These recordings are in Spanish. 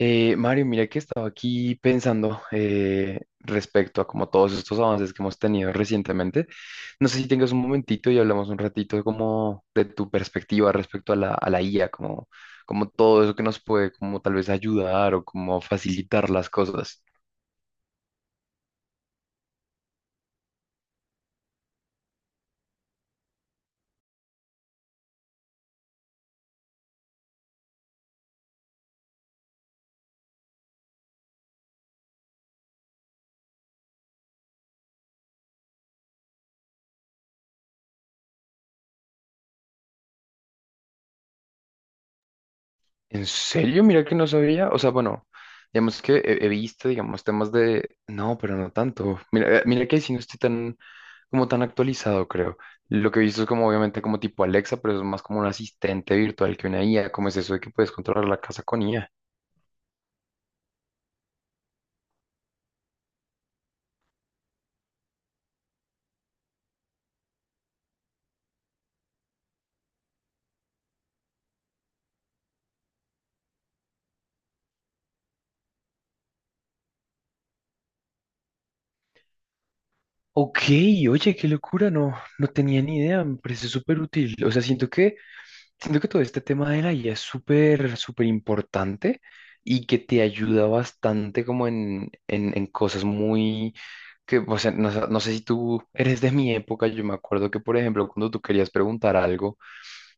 Mario, mira que estaba aquí pensando respecto a como todos estos avances que hemos tenido recientemente. No sé si tengas un momentito y hablamos un ratito como de tu perspectiva respecto a la IA, como, como todo eso que nos puede como tal vez ayudar o como facilitar las cosas. ¿En serio? Mira que no sabía. O sea, bueno, digamos que he visto, digamos, temas de. No, pero no tanto. Mira que si no estoy tan, como tan actualizado, creo. Lo que he visto es como, obviamente, como tipo Alexa, pero eso es más como un asistente virtual que una IA. ¿Cómo es eso de que puedes controlar la casa con IA? Ok, oye, qué locura, no, no tenía ni idea, me parece súper útil. O sea, siento que todo este tema de la IA es súper, súper importante y que te ayuda bastante como en cosas muy, que, o sea, no sé si tú eres de mi época. Yo me acuerdo que, por ejemplo, cuando tú querías preguntar algo,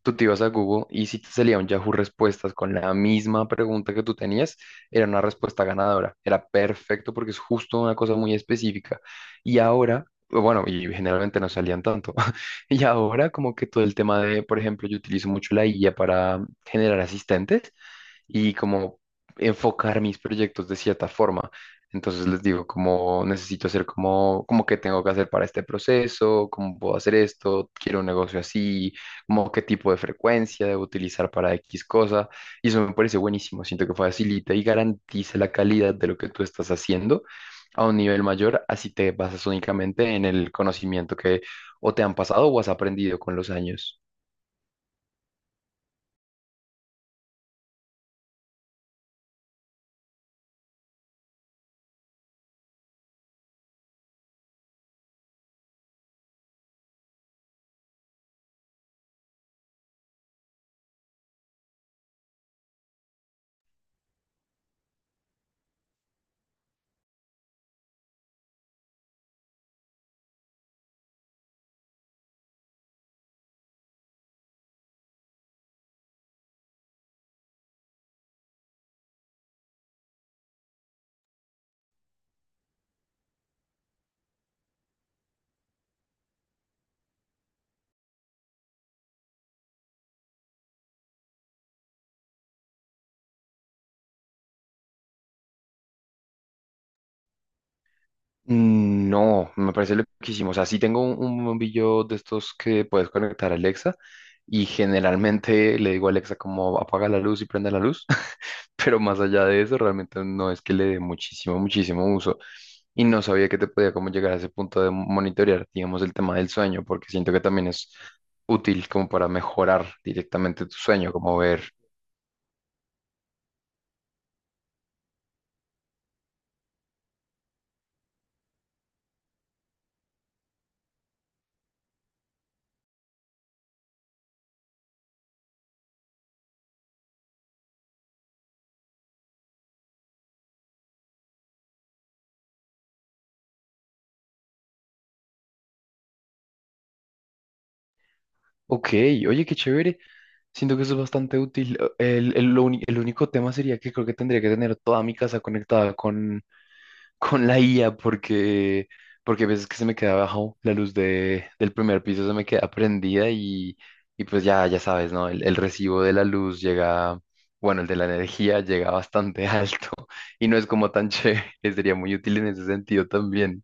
tú te ibas a Google y si te salía un Yahoo Respuestas con la misma pregunta que tú tenías, era una respuesta ganadora. Era perfecto porque es justo una cosa muy específica. Y ahora, bueno, y generalmente no salían tanto. Y ahora como que todo el tema de, por ejemplo, yo utilizo mucho la IA para generar asistentes y como enfocar mis proyectos de cierta forma. Entonces les digo, como necesito hacer como qué tengo que hacer para este proceso, cómo puedo hacer esto, quiero un negocio así, como qué tipo de frecuencia debo utilizar para X cosa. Y eso me parece buenísimo. Siento que facilita y garantiza la calidad de lo que tú estás haciendo a un nivel mayor, así te basas únicamente en el conocimiento que o te han pasado o has aprendido con los años. Mm, no, me parece loquísimo. O sea, sí tengo un bombillo de estos que puedes conectar a Alexa y generalmente le digo a Alexa como apaga la luz y prende la luz, pero más allá de eso realmente no es que le dé muchísimo, muchísimo uso, y no sabía que te podía como llegar a ese punto de monitorear, digamos, el tema del sueño, porque siento que también es útil como para mejorar directamente tu sueño, como ver. Ok, oye, qué chévere. Siento que eso es bastante útil. El único tema sería que creo que tendría que tener toda mi casa conectada con, con la IA porque, a veces que se me queda abajo la luz del primer piso se me queda prendida y, pues ya, ya sabes, ¿no? El recibo de la luz llega, bueno, el de la energía llega bastante alto y no es como tan chévere. Sería muy útil en ese sentido también.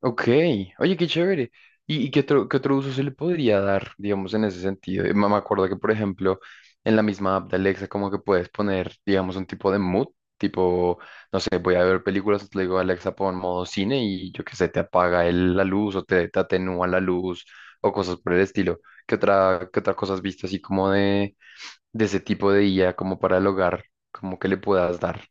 Ok, oye, qué chévere. ¿Y qué otro uso se le podría dar, digamos, en ese sentido? Me acuerdo que, por ejemplo, en la misma app de Alexa, como que puedes poner, digamos, un tipo de mood, tipo, no sé, voy a ver películas, le digo, Alexa, pon modo cine y yo qué sé, te apaga la luz o te atenúa la luz o cosas por el estilo. ¿Qué otra cosa has visto así como de ese tipo de IA, como para el hogar, como que le puedas dar?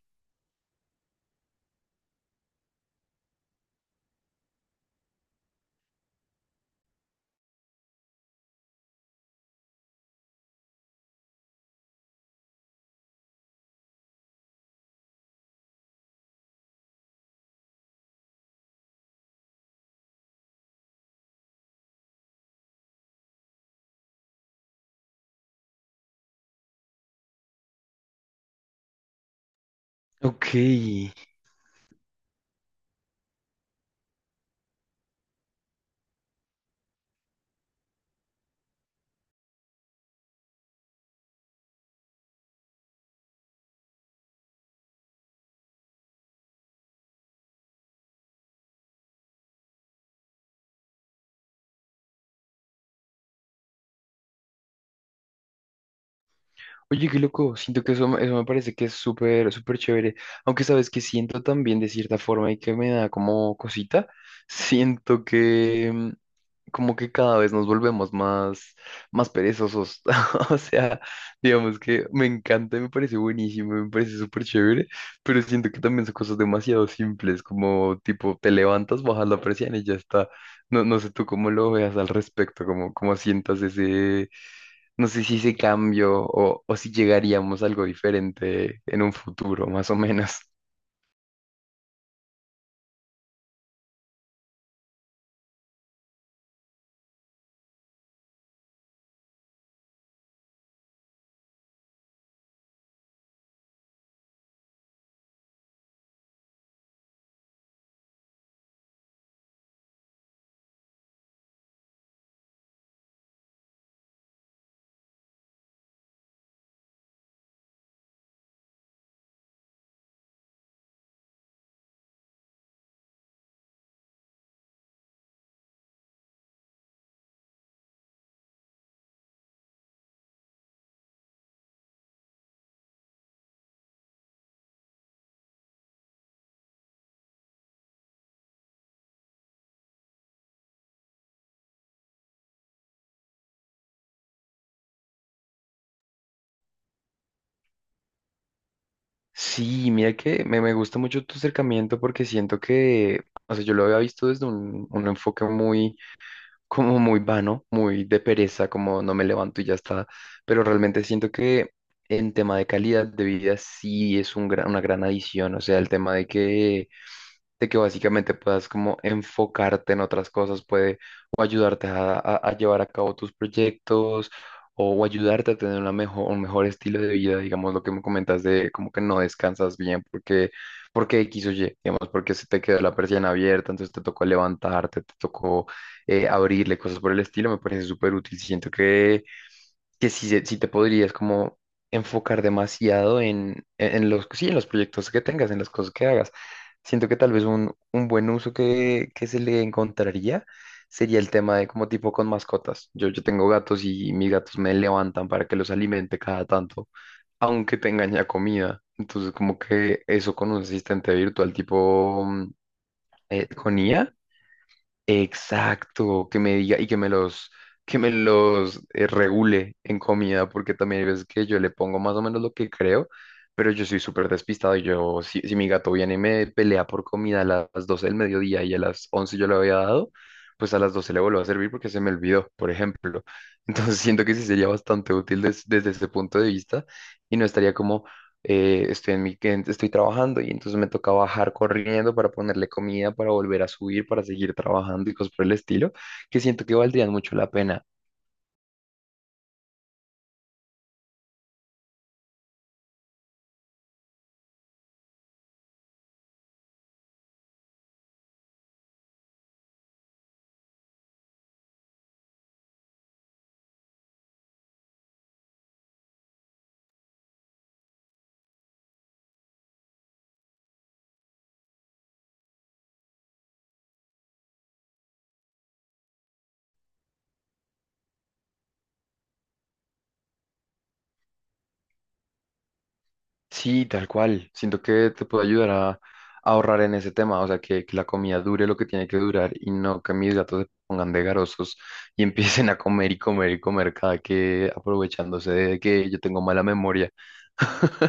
Ok. Oye, qué loco, siento que eso, eso me parece que es súper, súper chévere, aunque sabes que siento también de cierta forma y que me da como cosita, siento que como que cada vez nos volvemos más, más perezosos, o sea, digamos que me encanta, me parece buenísimo, me parece súper chévere, pero siento que también son cosas demasiado simples, como tipo te levantas, bajas la presión y ya está, no, no sé tú cómo lo veas al respecto, cómo sientas ese. No sé si ese cambio o si llegaríamos a algo diferente en un futuro, más o menos. Sí, mira que me gusta mucho tu acercamiento porque siento que, o sea, yo lo había visto desde un enfoque muy, como muy vano, muy de pereza, como no me levanto y ya está, pero realmente siento que en tema de calidad de vida sí es una gran adición. O sea, el tema de que básicamente puedas como enfocarte en otras cosas, puede o ayudarte a llevar a cabo tus proyectos o ayudarte a tener un mejor estilo de vida, digamos, lo que me comentas de como que no descansas bien porque X o Y, digamos, porque se te quedó la persiana abierta, entonces te tocó levantarte, te tocó abrirle, cosas por el estilo. Me parece súper útil, siento que sí, sí te podrías como enfocar demasiado en los, sí, en los proyectos que tengas, en las cosas que hagas. Siento que tal vez un buen uso que se le encontraría sería el tema de como tipo con mascotas. Yo tengo gatos y mis gatos me levantan para que los alimente cada tanto, aunque tengan ya comida. Entonces como que eso con un asistente virtual tipo con IA. Exacto, que me diga y que me los regule en comida, porque también hay veces que yo le pongo más o menos lo que creo, pero yo soy súper despistado y yo, si, si mi gato viene y me pelea por comida a las 12 del mediodía y a las 11 yo le había dado, pues a las 12 le vuelvo a servir porque se me olvidó, por ejemplo. Entonces siento que sí sería bastante útil desde ese punto de vista y no estaría como, estoy en mi, en- estoy trabajando y entonces me toca bajar corriendo para ponerle comida, para volver a subir, para seguir trabajando y cosas por el estilo, que siento que valdrían mucho la pena. Sí, tal cual. Siento que te puede ayudar a ahorrar en ese tema, o sea, que la comida dure lo que tiene que durar y no que mis gatos se pongan de garosos y empiecen a comer y comer y comer cada que, aprovechándose de que yo tengo mala memoria.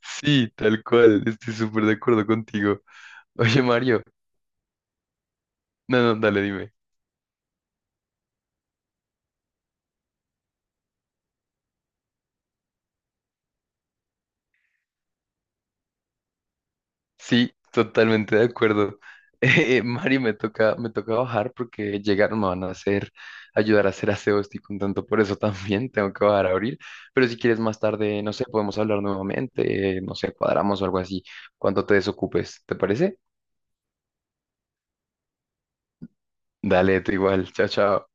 Sí, tal cual. Estoy súper de acuerdo contigo. Oye, Mario. No, no, dale, dime. Sí, totalmente de acuerdo. Mari, me toca bajar porque llegaron, me van a hacer, ayudar a hacer aseo, estoy contento por eso también, tengo que bajar a abrir, pero si quieres más tarde, no sé, podemos hablar nuevamente, no sé, cuadramos o algo así, cuando te desocupes, ¿te parece? Dale, tú igual, chao, chao.